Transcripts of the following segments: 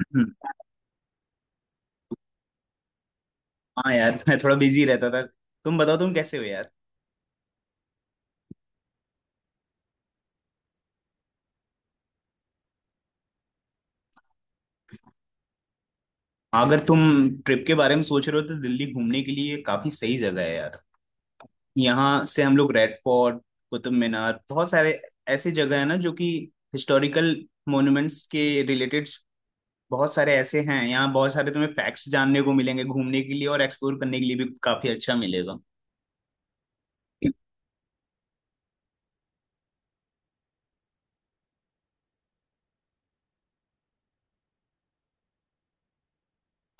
हम्म, हाँ यार। मैं थोड़ा बिजी रहता था। तुम बताओ, तुम कैसे हो यार? अगर तुम ट्रिप के बारे में सोच रहे हो तो दिल्ली घूमने के लिए काफी सही जगह है यार। यहाँ से हम लोग रेड फोर्ट, कुतुब मीनार, बहुत सारे ऐसे जगह है ना जो कि हिस्टोरिकल मॉन्यूमेंट्स के रिलेटेड बहुत सारे ऐसे हैं यहाँ। बहुत सारे तुम्हें फैक्ट्स जानने को मिलेंगे, घूमने के लिए और एक्सप्लोर करने के लिए भी काफी अच्छा मिलेगा।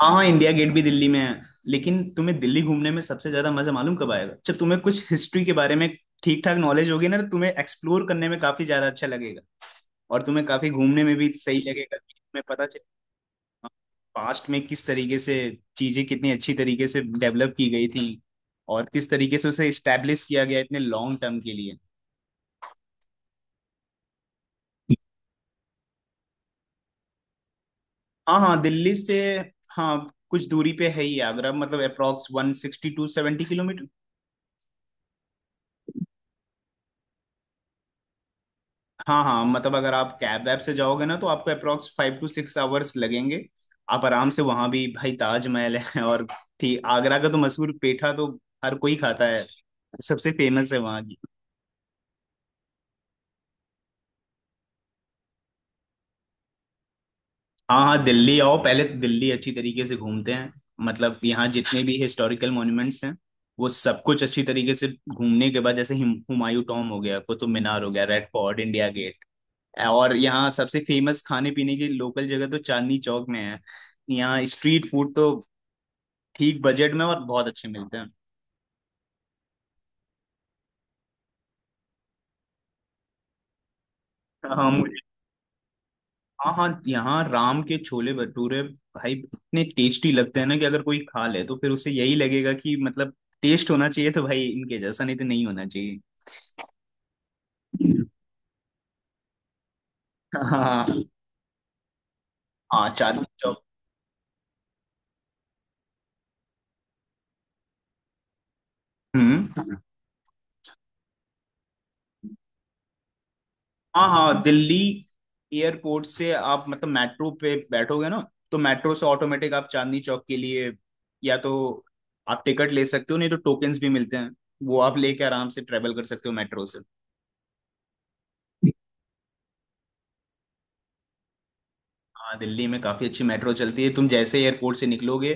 हाँ, इंडिया गेट भी दिल्ली में है, लेकिन तुम्हें दिल्ली घूमने में सबसे ज्यादा मजा मालूम कब आएगा जब तुम्हें कुछ हिस्ट्री के बारे में ठीक ठाक नॉलेज होगी ना, तो तुम्हें एक्सप्लोर करने में काफी ज्यादा अच्छा लगेगा और तुम्हें काफी घूमने में भी सही लगेगा कि तुम्हें पता चले पास्ट में किस तरीके से चीजें कितनी अच्छी तरीके से डेवलप की गई थी और किस तरीके से उसे इस्टेब्लिश किया गया इतने लॉन्ग टर्म के लिए। हाँ हाँ, दिल्ली से। हाँ, कुछ दूरी पे है ही आगरा, मतलब अप्रोक्स 160 to 170। हाँ हाँ, मतलब अगर आप कैब वैब से जाओगे ना तो आपको अप्रोक्स 5 to 6 hours लगेंगे। आप आराम से वहां भी, भाई ताजमहल है और ठीक आगरा का तो मशहूर पेठा तो हर कोई खाता है, सबसे फेमस है वहां की। हाँ हाँ, दिल्ली आओ पहले, तो दिल्ली अच्छी तरीके से घूमते हैं। मतलब यहाँ जितने भी हिस्टोरिकल मॉन्यूमेंट्स हैं वो सब कुछ अच्छी तरीके से घूमने के बाद, जैसे हुमायूं टॉम हो गया, कुतुब मीनार हो गया, रेड फोर्ट, इंडिया गेट, और यहाँ सबसे फेमस खाने पीने की लोकल जगह तो चांदनी चौक में है। यहाँ स्ट्रीट फूड तो ठीक बजट में और बहुत अच्छे मिलते हैं। हाँ हाँ, मुझे। हाँ हाँ, यहाँ राम के छोले भटूरे भाई इतने टेस्टी लगते हैं ना कि अगर कोई खा ले तो फिर उसे यही लगेगा कि, मतलब, टेस्ट होना चाहिए तो भाई इनके जैसा, नहीं तो नहीं होना चाहिए। हाँ हाँ, चांदनी चौक। हम्म, हाँ हाँ, दिल्ली एयरपोर्ट से आप मतलब मेट्रो पे बैठोगे ना, तो मेट्रो से ऑटोमेटिक आप चांदनी चौक के लिए या तो आप टिकट ले सकते हो, नहीं तो टोकन्स भी मिलते हैं। वो आप लेके आराम से ट्रेवल कर सकते हो मेट्रो से। हाँ, दिल्ली में काफी अच्छी मेट्रो चलती है। तुम जैसे एयरपोर्ट से निकलोगे,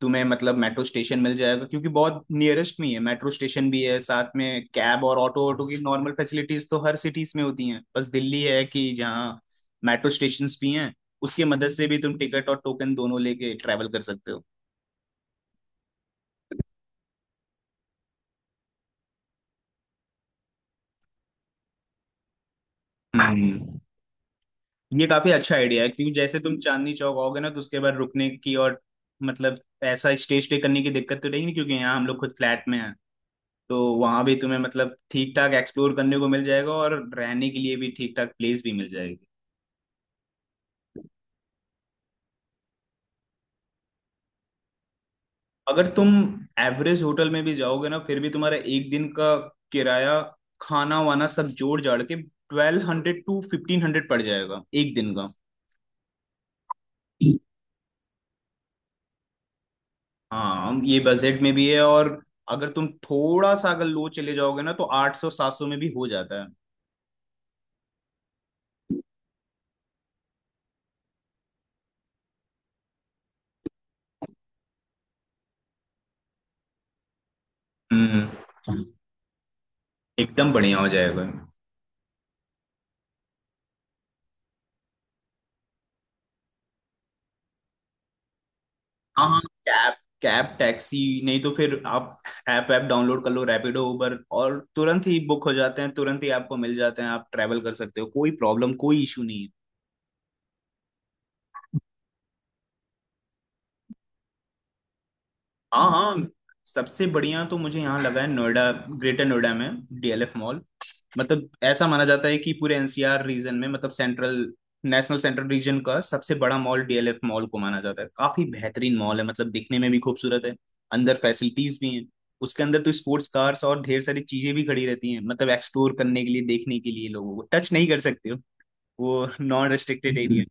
तुम्हें मतलब मेट्रो स्टेशन मिल जाएगा क्योंकि बहुत नियरेस्ट में ही है मेट्रो स्टेशन भी है, साथ में कैब और ऑटो। ऑटो की नॉर्मल फैसिलिटीज तो हर सिटीज में होती हैं, बस दिल्ली है कि जहाँ मेट्रो स्टेशन भी हैं, उसकी मदद से भी तुम टिकट और टोकन दोनों लेके ट्रैवल कर सकते हो। हम्म ये काफी अच्छा आइडिया है क्योंकि जैसे तुम चांदनी चौक आओगे ना तो उसके बाद रुकने की और, मतलब, ऐसा स्टे स्टे करने की दिक्कत तो रहेगी नहीं क्योंकि यहाँ हम लोग खुद फ्लैट में हैं। तो वहां भी तुम्हें मतलब ठीक ठाक एक्सप्लोर करने को मिल जाएगा और रहने के लिए भी ठीक ठाक प्लेस भी मिल जाएगी। अगर तुम एवरेज होटल में भी जाओगे ना, फिर भी तुम्हारा एक दिन का किराया, खाना वाना सब जोड़ जाड़ के, 1200 to 1500 पड़ जाएगा एक दिन का। हाँ, ये बजट में भी है, और अगर तुम थोड़ा सा अगर लो चले जाओगे ना, तो 800, 700 में भी हो जाता है। हम्म एकदम बढ़िया हो जाएगा। हाँ हाँ, कैब, कैब टैक्सी, नहीं तो फिर आप ऐप ऐप डाउनलोड कर लो, रैपिडो, उबर, और तुरंत ही बुक हो जाते हैं, तुरंत ही आपको मिल जाते हैं, आप ट्रैवल कर सकते हो, कोई प्रॉब्लम, कोई इशू नहीं है। हाँ हाँ, सबसे बढ़िया तो मुझे यहाँ लगा है नोएडा, ग्रेटर नोएडा में डीएलएफ मॉल। मतलब ऐसा माना जाता है कि पूरे एनसीआर रीजन में, मतलब सेंट्रल, नेशनल सेंट्रल रीजन का सबसे बड़ा मॉल डीएलएफ मॉल को माना जाता है। काफी बेहतरीन मॉल है, मतलब दिखने में भी खूबसूरत है। अंदर फैसिलिटीज भी हैं। उसके अंदर तो स्पोर्ट्स कार्स और ढेर सारी चीजें भी खड़ी रहती हैं, मतलब एक्सप्लोर करने के लिए, देखने के लिए। लोगों को टच नहीं कर सकते हो वो, नॉन रेस्ट्रिक्टेड एरिया बिल्कुल।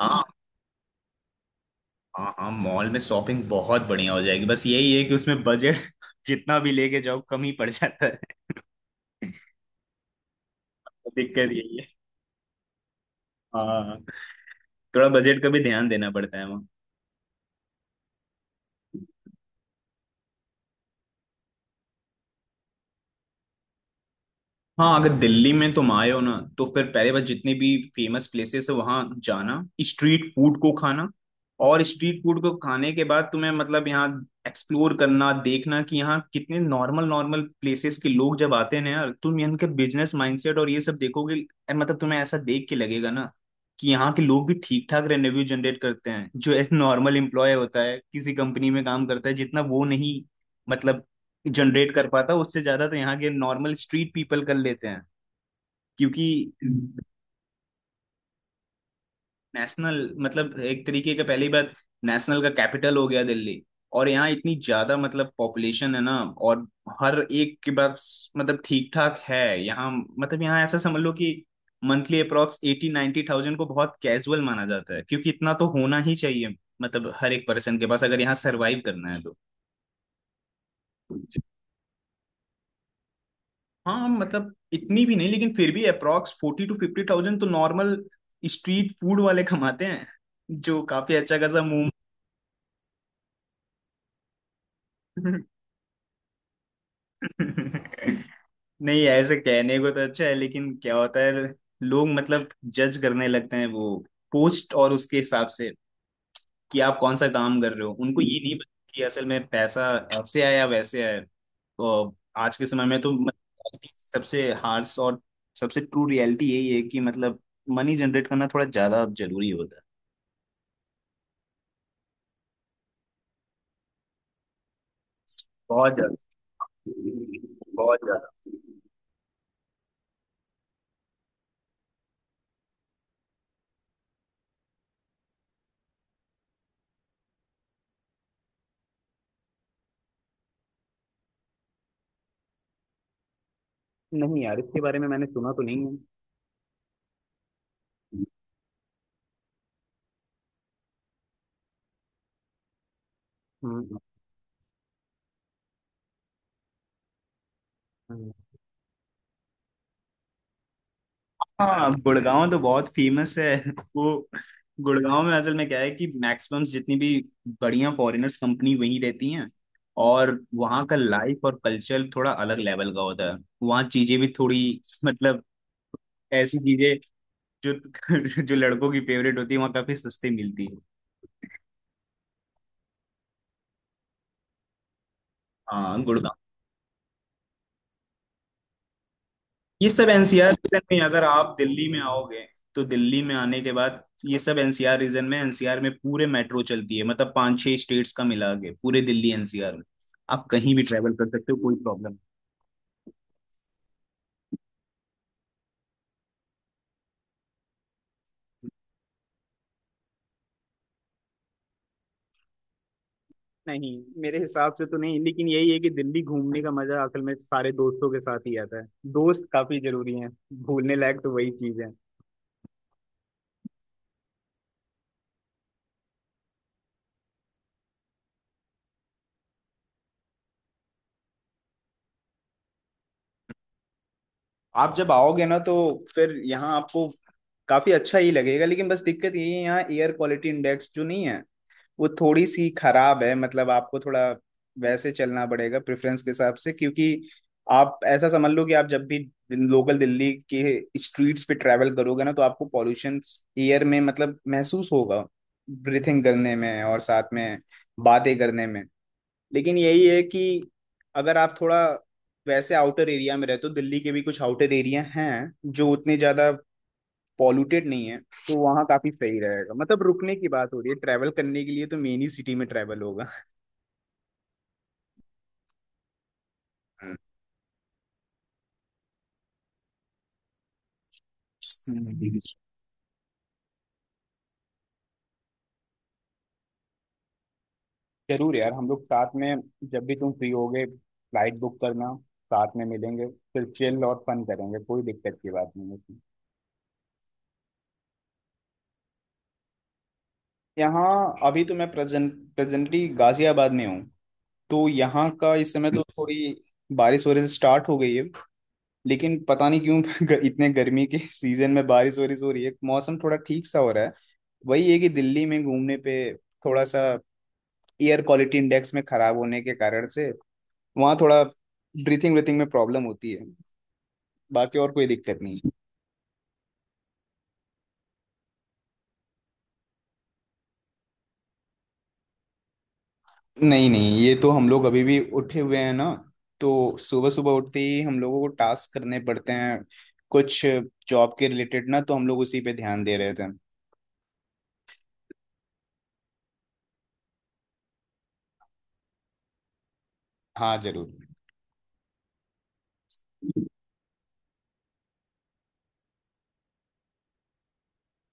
हाँ, हाँ हाँ, मॉल में शॉपिंग बहुत बढ़िया हो जाएगी, बस यही है कि उसमें बजट जितना भी लेके जाओ कम ही पड़ जाता है। दिक्कत यही है। हाँ, थोड़ा बजट का भी ध्यान देना पड़ता है वहाँ। हाँ, अगर दिल्ली में तुम आए हो ना, तो फिर पहले बार जितने भी फेमस प्लेसेस है वहाँ जाना, स्ट्रीट फूड को खाना, और स्ट्रीट फूड को खाने के बाद तुम्हें, मतलब, यहाँ एक्सप्लोर करना, देखना कि यहाँ कितने नॉर्मल नॉर्मल प्लेसेस के लोग जब आते हैं ना यार, तुम इनके बिजनेस माइंडसेट और ये सब देखोगे यार, मतलब तुम्हें ऐसा देख के लगेगा ना कि यहाँ के लोग भी ठीक ठाक रेवेन्यू जनरेट करते हैं। जो एक नॉर्मल एम्प्लॉय होता है किसी कंपनी में काम करता है, जितना वो नहीं, मतलब, जनरेट कर पाता, उससे ज्यादा तो यहाँ के नॉर्मल स्ट्रीट पीपल कर लेते हैं। क्योंकि नेशनल, मतलब एक तरीके का, पहली बात, नेशनल का कैपिटल हो गया दिल्ली, और यहाँ इतनी ज्यादा, मतलब, पॉपुलेशन है ना, और हर एक के पास, मतलब, ठीक ठाक है यहाँ। मतलब यहाँ ऐसा समझ लो कि मंथली अप्रोक्स 80-90 thousand को बहुत कैजुअल माना जाता है, क्योंकि इतना तो होना ही चाहिए, मतलब हर एक पर्सन के पास, अगर यहाँ सरवाइव करना है तो। हाँ, मतलब इतनी भी नहीं, लेकिन फिर भी अप्रॉक्स 40 to 50 thousand तो नॉर्मल स्ट्रीट फूड वाले कमाते हैं, जो काफी अच्छा खासा मुंह। नहीं, ऐसे कहने को तो अच्छा है, लेकिन क्या होता है, लोग, मतलब, जज करने लगते हैं वो पोस्ट और उसके हिसाब से कि आप कौन सा काम कर रहे हो। उनको ये नहीं पता कि असल में पैसा ऐसे आया या वैसे आया। तो आज के समय में तो, मतलब, सबसे हार्श और सबसे ट्रू रियलिटी यही है कि, मतलब, मनी जनरेट करना थोड़ा ज्यादा जरूरी होता है। बहुत ज्यादा, बहुत ज्यादा। नहीं यार, इसके बारे में मैंने सुना तो नहीं है। हम्म, हम्म, हाँ, गुड़गांव तो बहुत फेमस है वो गुड़गांव में असल में क्या है कि मैक्सिमम जितनी भी बढ़िया फॉरेनर्स कंपनी वहीं रहती हैं, और वहाँ का लाइफ और कल्चर थोड़ा अलग लेवल का होता है। वहाँ चीजें भी थोड़ी, मतलब, ऐसी चीजें जो जो लड़कों की फेवरेट होती है वहाँ काफी सस्ती मिलती है। हाँ, ये सब एनसीआर रीजन में, अगर आप दिल्ली में आओगे तो दिल्ली में आने के बाद ये सब एनसीआर रीजन में, एनसीआर में पूरे मेट्रो चलती है, मतलब 5-6 स्टेट्स का मिला के पूरे दिल्ली एनसीआर में आप कहीं भी ट्रेवल कर सकते हो, कोई प्रॉब्लम। नहीं नहीं, मेरे हिसाब से तो नहीं, लेकिन यही है कि दिल्ली घूमने का मजा असल में सारे दोस्तों के साथ ही आता है। दोस्त काफी जरूरी हैं। भूलने लायक तो वही चीज है। आप जब आओगे ना तो फिर यहाँ आपको काफी अच्छा ही लगेगा, लेकिन बस दिक्कत यही है यहाँ एयर क्वालिटी इंडेक्स जो नहीं है वो थोड़ी सी खराब है। मतलब आपको थोड़ा वैसे चलना पड़ेगा प्रेफरेंस के हिसाब से, क्योंकि आप ऐसा समझ लो कि आप जब भी लोकल दिल्ली के स्ट्रीट्स पे ट्रैवल करोगे ना तो आपको पॉल्यूशन एयर में, मतलब, महसूस होगा, ब्रीथिंग करने में और साथ में बातें करने में। लेकिन यही है कि अगर आप थोड़ा वैसे आउटर एरिया में रहते हो, दिल्ली के भी कुछ आउटर एरिया हैं जो उतने ज़्यादा पॉल्यूटेड नहीं है, तो वहाँ काफी सही रहेगा। मतलब रुकने की बात हो रही है, ट्रैवल करने के लिए तो मेन ही सिटी में ट्रैवल होगा। हम्म। जरूर यार, हम लोग साथ में, जब भी तुम फ्री होगे फ्लाइट बुक करना, साथ में मिलेंगे, फिर चिल और फन करेंगे, कोई दिक्कत की बात नहीं होती। यहाँ अभी तो मैं प्रेजेंटली गाजियाबाद में हूँ। तो यहाँ का इस समय तो थोड़ी बारिश वगैरह से स्टार्ट हो गई है, लेकिन पता नहीं क्यों इतने गर्मी के सीजन में बारिश वारिश हो रही है, मौसम थोड़ा ठीक सा हो रहा है। वही है कि दिल्ली में घूमने पे थोड़ा सा एयर क्वालिटी इंडेक्स में खराब होने के कारण से वहाँ थोड़ा ब्रीथिंग ब्रीथिंग में प्रॉब्लम होती है, बाकी और कोई दिक्कत नहीं। नहीं नहीं, ये तो हम लोग अभी भी उठे हुए हैं ना, तो सुबह सुबह उठते ही हम लोगों को टास्क करने पड़ते हैं कुछ जॉब के रिलेटेड, ना तो हम लोग उसी पे ध्यान दे रहे थे। हाँ जरूर।